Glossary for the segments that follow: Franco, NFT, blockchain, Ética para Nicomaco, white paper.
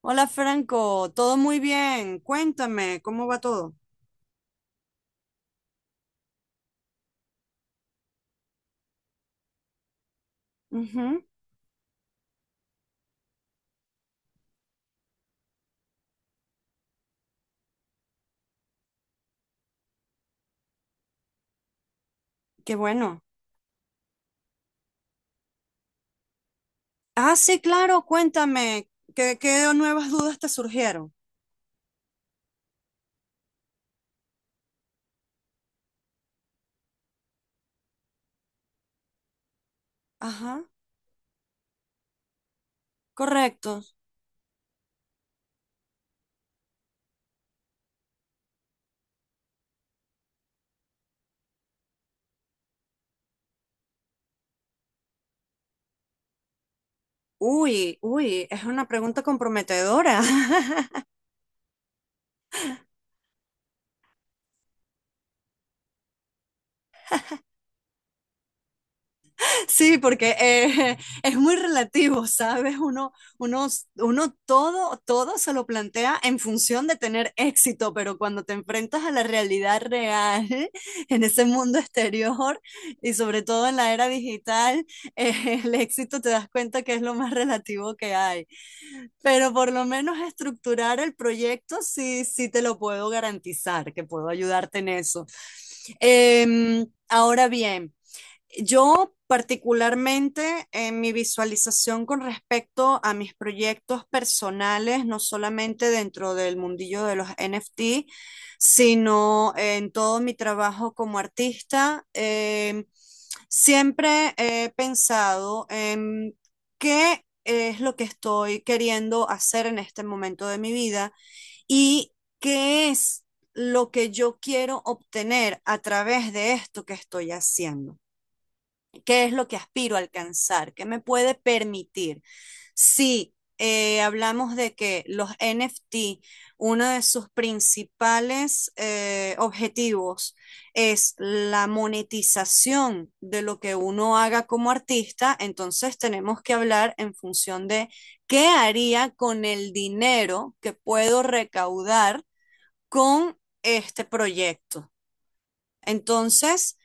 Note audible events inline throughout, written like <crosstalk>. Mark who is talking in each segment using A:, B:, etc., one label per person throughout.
A: Hola Franco, todo muy bien. Cuéntame, ¿cómo va todo? Ujú. Qué bueno. Ah, sí, claro, cuéntame. ¿Qué nuevas dudas te surgieron? Ajá, correcto. Uy, uy, es una pregunta comprometedora. <laughs> Sí, porque <laughs> es muy relativo, ¿sabes? Uno, uno todo se lo plantea en función de tener éxito, pero cuando te enfrentas a la realidad real, <laughs> en ese mundo exterior y sobre todo en la era digital, <laughs> el éxito te das cuenta que es lo más relativo que hay. Pero por lo menos estructurar el proyecto sí, sí te lo puedo garantizar, que puedo ayudarte en eso. Ahora bien. Yo particularmente en mi visualización con respecto a mis proyectos personales, no solamente dentro del mundillo de los NFT, sino en todo mi trabajo como artista, siempre he pensado en qué es lo que estoy queriendo hacer en este momento de mi vida y qué es lo que yo quiero obtener a través de esto que estoy haciendo, qué es lo que aspiro a alcanzar, qué me puede permitir. Si hablamos de que los NFT, uno de sus principales objetivos es la monetización de lo que uno haga como artista, entonces tenemos que hablar en función de qué haría con el dinero que puedo recaudar con este proyecto. Entonces,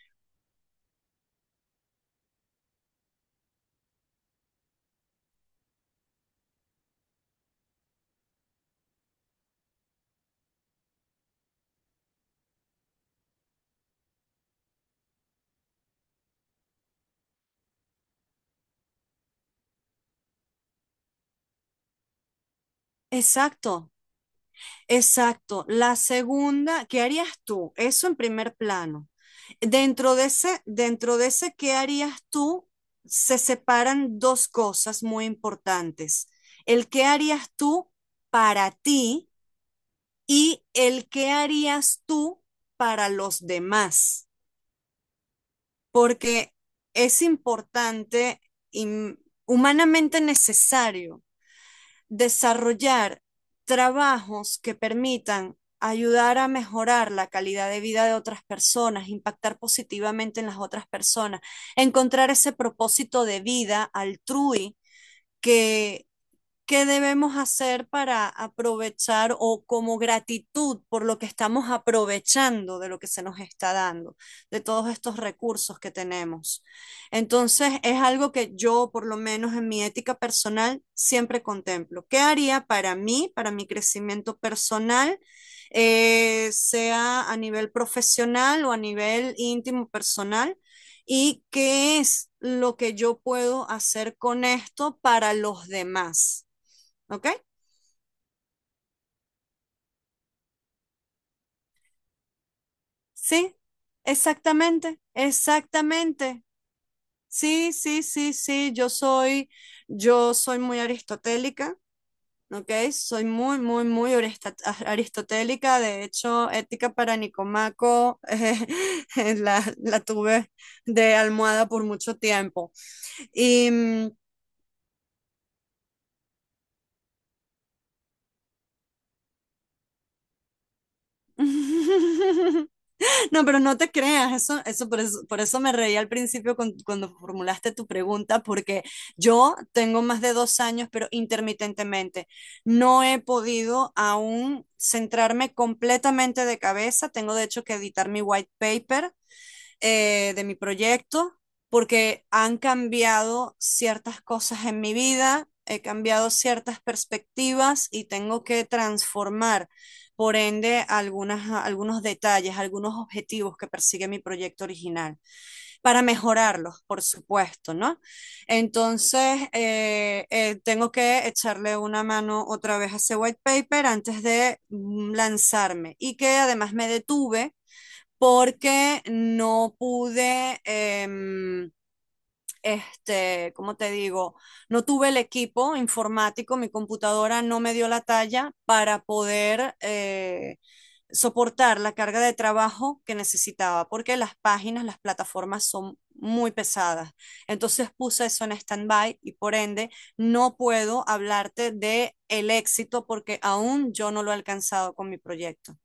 A: exacto. Exacto, la segunda, ¿qué harías tú? Eso en primer plano. Dentro de ese, ¿qué harías tú? Se separan dos cosas muy importantes. El qué harías tú para ti y el qué harías tú para los demás, porque es importante y humanamente necesario desarrollar trabajos que permitan ayudar a mejorar la calidad de vida de otras personas, impactar positivamente en las otras personas, encontrar ese propósito de vida altrui que ¿Qué debemos hacer para aprovechar, o como gratitud por lo que estamos aprovechando de lo que se nos está dando, de todos estos recursos que tenemos? Entonces, es algo que yo, por lo menos en mi ética personal, siempre contemplo. ¿Qué haría para mí, para mi crecimiento personal, sea a nivel profesional o a nivel íntimo personal? ¿Y qué es lo que yo puedo hacer con esto para los demás? ¿Ok? Sí, exactamente, exactamente. Sí, sí, sí, sí, yo soy muy aristotélica, ¿ok? Soy muy, muy, muy aristotélica. De hecho, Ética para Nicomaco <laughs> la tuve de almohada por mucho tiempo. Y <laughs> No, pero no te creas, eso por eso me reí al principio cuando formulaste tu pregunta, porque yo tengo más de 2 años, pero intermitentemente no he podido aún centrarme completamente de cabeza. Tengo de hecho que editar mi white paper de mi proyecto, porque han cambiado ciertas cosas en mi vida, he cambiado ciertas perspectivas y tengo que transformar, por ende, algunos detalles, algunos objetivos que persigue mi proyecto original, para mejorarlos, por supuesto, ¿no? Entonces, tengo que echarle una mano otra vez a ese white paper antes de lanzarme, y que además me detuve porque no pude, este, ¿cómo te digo? No tuve el equipo informático, mi computadora no me dio la talla para poder soportar la carga de trabajo que necesitaba, porque las páginas, las plataformas son muy pesadas. Entonces puse eso en stand-by y por ende no puedo hablarte de el éxito porque aún yo no lo he alcanzado con mi proyecto.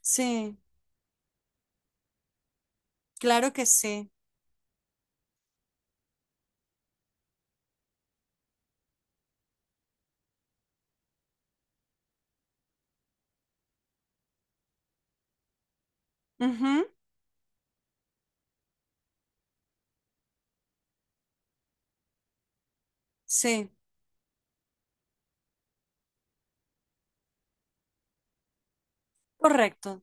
A: Sí, claro que sí. Ujú. Sí, correcto.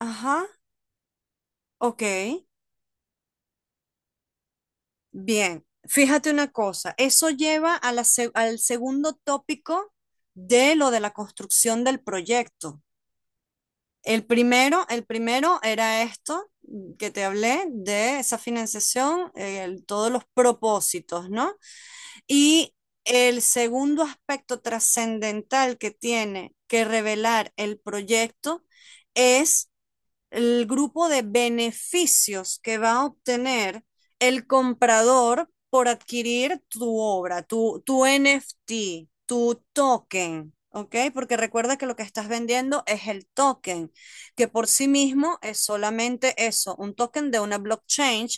A: Ajá, ok, bien. Fíjate una cosa, eso lleva a al segundo tópico de lo de la construcción del proyecto. El primero era esto, que te hablé de esa financiación, todos los propósitos, ¿no? Y el segundo aspecto trascendental que tiene que revelar el proyecto es el grupo de beneficios que va a obtener el comprador por adquirir tu obra, tu NFT, tu token, ¿ok? Porque recuerda que lo que estás vendiendo es el token, que por sí mismo es solamente eso, un token de una blockchain,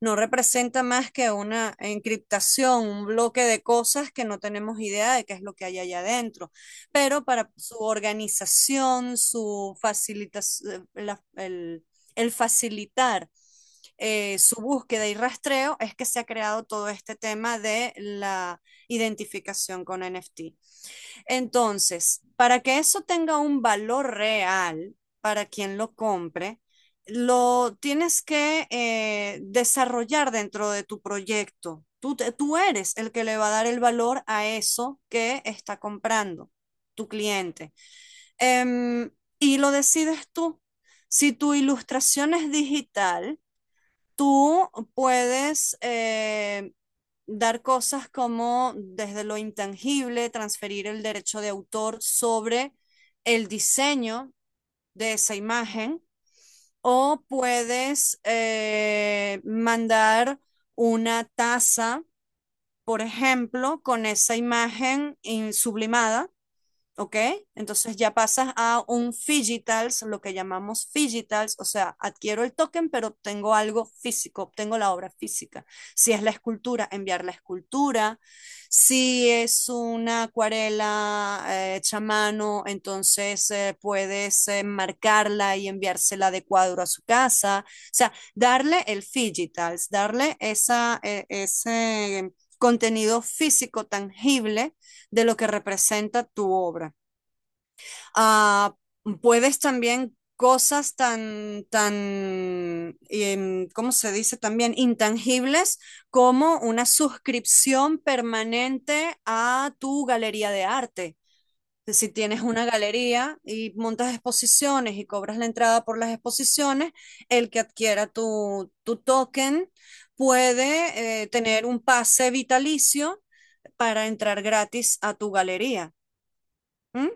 A: no representa más que una encriptación, un bloque de cosas que no tenemos idea de qué es lo que hay allá adentro, pero para su organización, su facilitación, el, facilitar su búsqueda y rastreo, es que se ha creado todo este tema de la identificación con NFT. Entonces, para que eso tenga un valor real para quien lo compre, lo tienes que desarrollar dentro de tu proyecto. Tú eres el que le va a dar el valor a eso que está comprando tu cliente. Em, y lo decides tú. Si tu ilustración es digital, tú puedes dar cosas como desde lo intangible, transferir el derecho de autor sobre el diseño de esa imagen, o puedes mandar una taza, por ejemplo, con esa imagen sublimada. ¿Ok? Entonces ya pasas a un digitals, lo que llamamos digitals, o sea, adquiero el token, pero obtengo algo físico, obtengo la obra física. Si es la escultura, enviar la escultura. Si es una acuarela hecha a mano, entonces puedes marcarla y enviársela de cuadro a su casa. O sea, darle el digitals, darle ese contenido físico tangible de lo que representa tu obra. Ah, puedes también cosas tan, ¿cómo se dice? También intangibles, como una suscripción permanente a tu galería de arte. Si tienes una galería y montas exposiciones y cobras la entrada por las exposiciones, el que adquiera tu token puede tener un pase vitalicio para entrar gratis a tu galería. ¿Mm?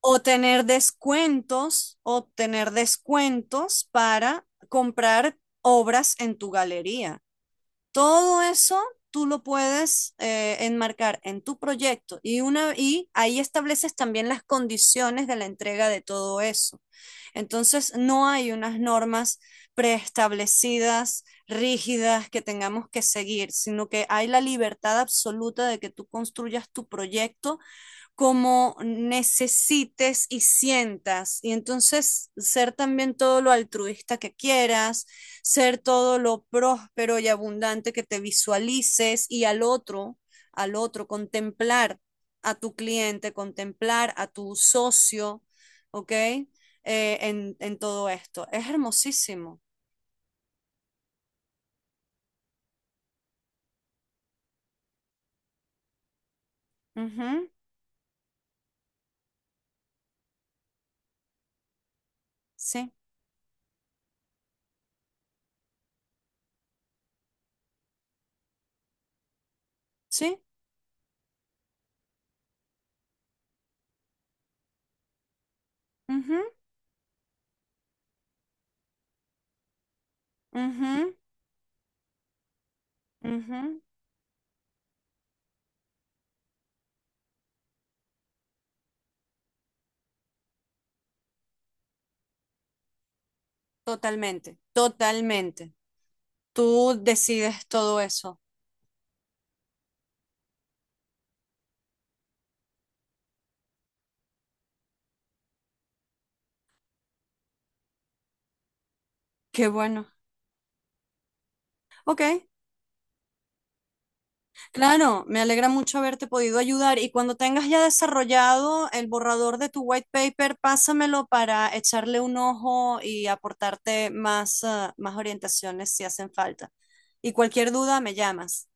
A: O tener descuentos, obtener descuentos para comprar obras en tu galería. Todo eso tú lo puedes enmarcar en tu proyecto, y ahí estableces también las condiciones de la entrega de todo eso. Entonces, no hay unas normas preestablecidas, rígidas, que tengamos que seguir, sino que hay la libertad absoluta de que tú construyas tu proyecto como necesites y sientas. Y entonces ser también todo lo altruista que quieras, ser todo lo próspero y abundante que te visualices y al otro, contemplar a tu cliente, contemplar a tu socio, ¿ok? En, todo esto. Es hermosísimo. Uh -huh. Sí, sí. Uh -huh. Uh -huh. Totalmente, totalmente. Tú decides todo eso. Qué bueno. Ok, claro, me alegra mucho haberte podido ayudar y cuando tengas ya desarrollado el borrador de tu white paper, pásamelo para echarle un ojo y aportarte más orientaciones si hacen falta. Y cualquier duda, me llamas.